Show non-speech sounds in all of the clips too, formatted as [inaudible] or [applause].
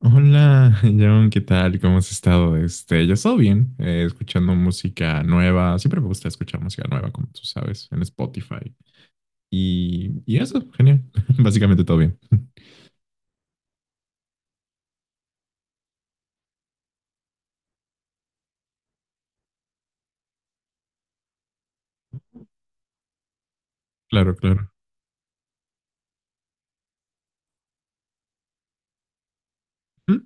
Hola, [laughs] John, ¿qué tal? ¿Cómo has estado? Yo estoy bien, escuchando música nueva. Siempre me gusta escuchar música nueva, como tú sabes, en Spotify. Y eso, genial. [laughs] Básicamente todo bien. Claro, claro. ¿Mm?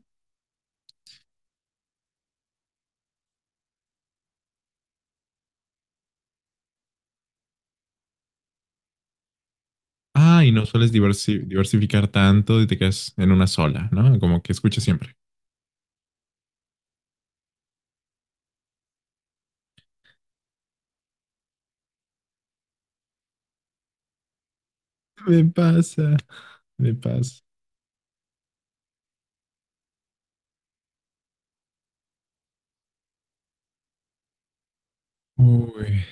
Ah, y no sueles diversificar tanto y te quedas en una sola, ¿no? Como que escuchas siempre. Me pasa, me pasa. Uy,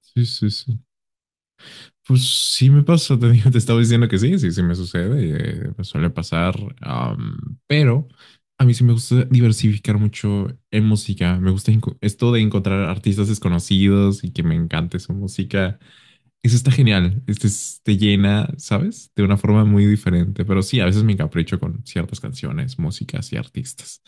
sí, sí, sí. Pues sí me pasa, te [laughs] digo, te estaba diciendo que sí, sí, sí me sucede, me suele pasar, pero a mí sí me gusta diversificar mucho en música, me gusta esto de encontrar artistas desconocidos y que me encante su música. Eso está genial, te llena, ¿sabes? De una forma muy diferente, pero sí, a veces me encapricho con ciertas canciones, músicas y artistas.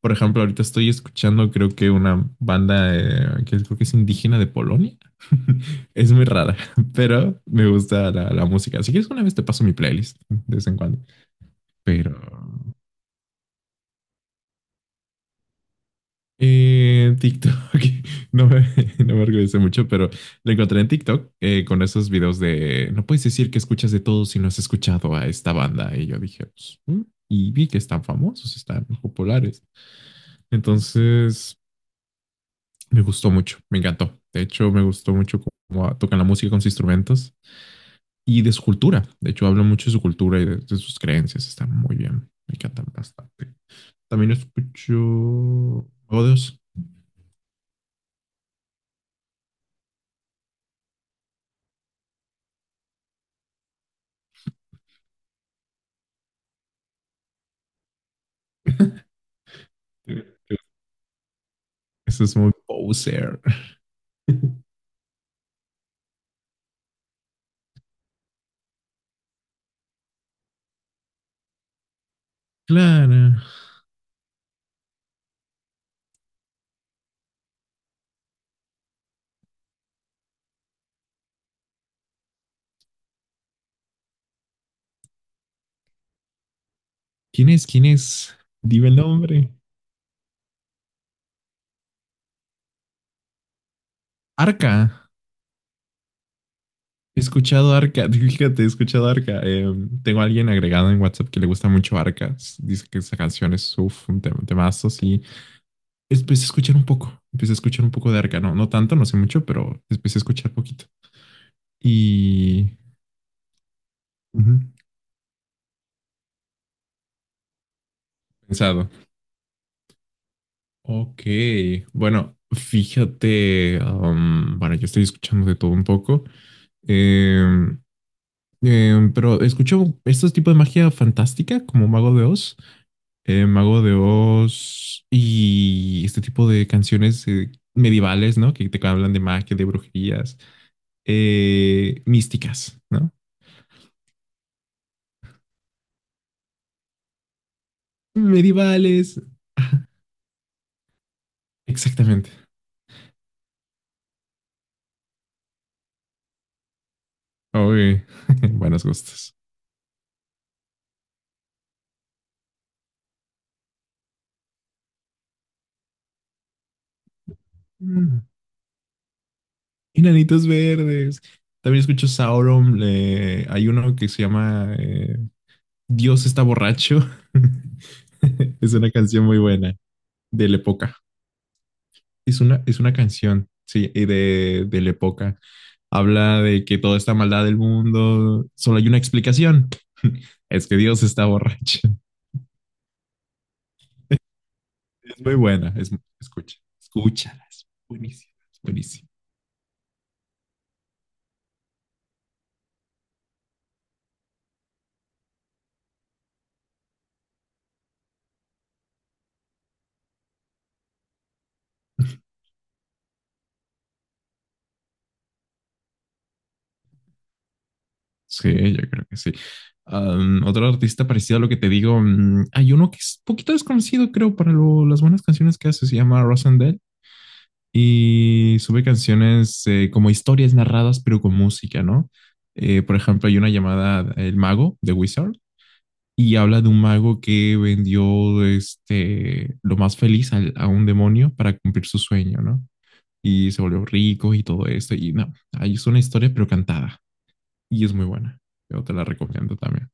Por ejemplo, ahorita estoy escuchando, creo que una banda que creo que es indígena de Polonia. [laughs] Es muy rara, [laughs] pero me gusta la música. Si quieres, una vez te paso mi playlist de vez en cuando. Pero TikTok, [laughs] no me, [laughs] no me orgullece mucho, pero lo encontré en TikTok con esos videos de no puedes decir que escuchas de todo si no has escuchado a esta banda. Y yo dije, pues, "Mm", y vi que están famosos, están populares. Entonces me gustó mucho, me encantó. De hecho, me gustó mucho cómo tocan la música con sus instrumentos y de su cultura. De hecho, hablan mucho de su cultura y de sus creencias. Está muy bien, me encantan bastante. También escucho. Juego. [laughs] Eso es muy poser. [laughs] Claro. ¿Quién es? ¿Quién es? Dime el nombre. Arca. He escuchado Arca, [laughs] fíjate, he escuchado Arca. Tengo a alguien agregado en WhatsApp que le gusta mucho Arca. Dice que esa canción es uf, un temazo, sí. Empecé a escuchar un poco, empecé a escuchar un poco de Arca, no, no tanto, no sé mucho, pero empecé a escuchar poquito. Y ujú, pensado, ok, bueno, fíjate, bueno, yo estoy escuchando de todo un poco. em, pero escucho estos tipos de magia fantástica como Mago de Oz y este tipo de canciones medievales, ¿no? Que te hablan de magia, de brujerías, místicas, ¿no? Medievales, exactamente. Uy, [laughs] buenos gustos. Mm. Enanitos verdes. También escucho Sauron. Hay uno que se llama Dios está borracho. [laughs] Es una canción muy buena de la época. Es una canción, sí, y de la época. Habla de que toda esta maldad del mundo, solo hay una explicación. [laughs] Es que Dios está borracho. Es muy buena. Es, escucha, escúchala. Buenísima, buenísima. Sí, yo creo que sí. Am, otro artista parecido a lo que te digo, mm, hay uno que es poquito desconocido, creo, para las buenas canciones que hace, se llama Rosendell y sube canciones como historias narradas, pero con música, ¿no? Por ejemplo, hay una llamada El Mago de Wizard y habla de un mago que vendió este, lo más feliz a un demonio para cumplir su sueño, ¿no? Y se volvió rico y todo esto, y no, ahí es una historia, pero cantada, y es muy buena. Yo te la recomiendo también.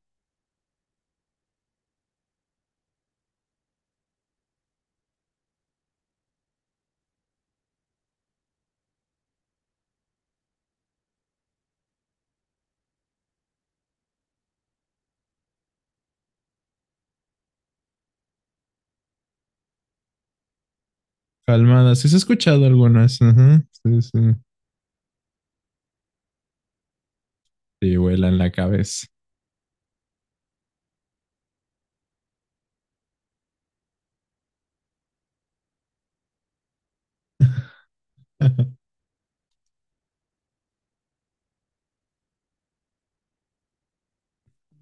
Calmada, ¿sí has escuchado algunas? Ajá, sí, sí. Sí, vuela en la cabeza. [laughs]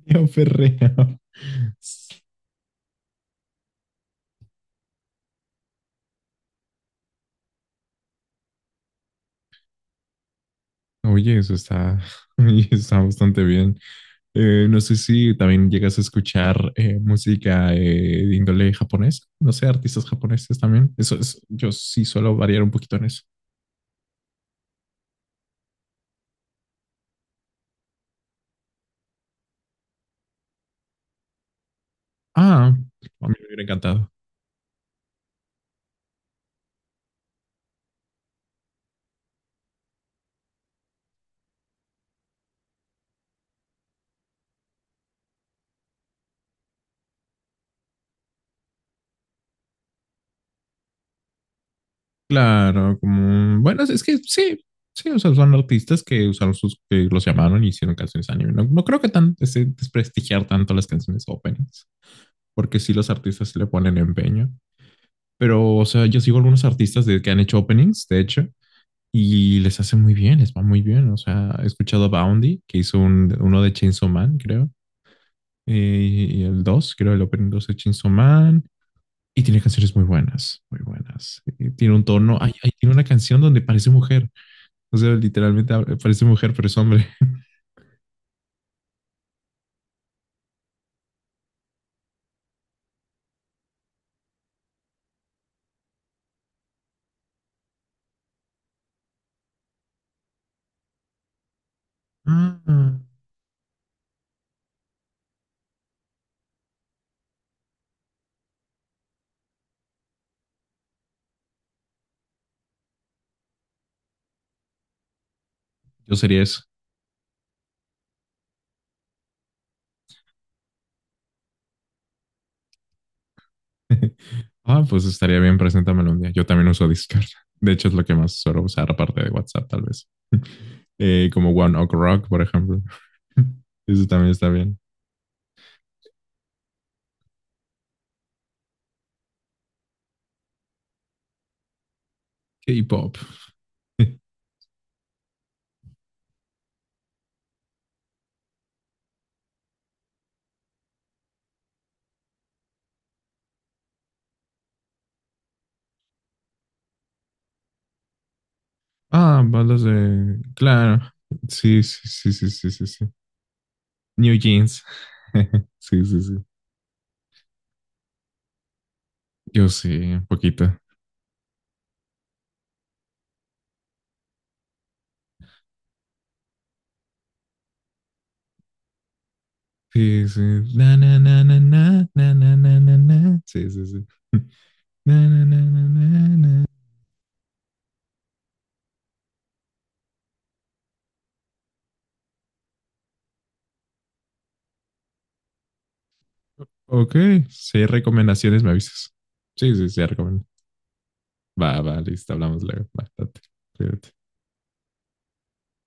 Yo perreo. Oye, eso está, [laughs] oye, está bastante bien. No sé si también llegas a escuchar música de índole japonés. No sé, artistas japoneses también. Eso es, yo sí suelo variar un poquito en eso. Ah, a mí me hubiera encantado. Claro, como, bueno, es que sí, sí, o sea, son artistas que usaron sus, que los llamaron y hicieron canciones anime. No, no creo que tan desprestigiar tanto las canciones openings, porque sí los artistas sí le ponen empeño. Pero, o sea, yo sigo algunos artistas de, que han hecho openings, de hecho, y les hace muy bien, les va muy bien. O sea, he escuchado a Boundy, que hizo uno de Chainsaw Man, creo, y el 2, creo, el opening 2 de Chainsaw Man. Y tiene canciones muy buenas, muy buenas. Y tiene un tono, ay, ay, tiene una canción donde parece mujer. O sea, literalmente parece mujer, pero es hombre. Ah. Yo sería eso. [laughs] Ah, pues estaría bien, preséntamelo un día. Yo también uso Discord. De hecho, es lo que más suelo usar, aparte de WhatsApp, tal vez. [laughs] Como One Ok Rock, por ejemplo. [laughs] Eso también está bien. K-pop. [laughs] Ah, balas de... Claro. Sí, sí, sí, sí, sí, sí, sí. New Jeans. [laughs] Sí, sí, sí. Yo sí, un poquito. Sí, sí. Na, na, na, na, na, na, na, na, na, na. Sí, sí, sí. [laughs] Na, na, na, na, na, na. Ok, si hay recomendaciones, me avisas. Sí, sí, sí, recomiendo. Va, va, listo, hablamos luego. Va, date, cuídate.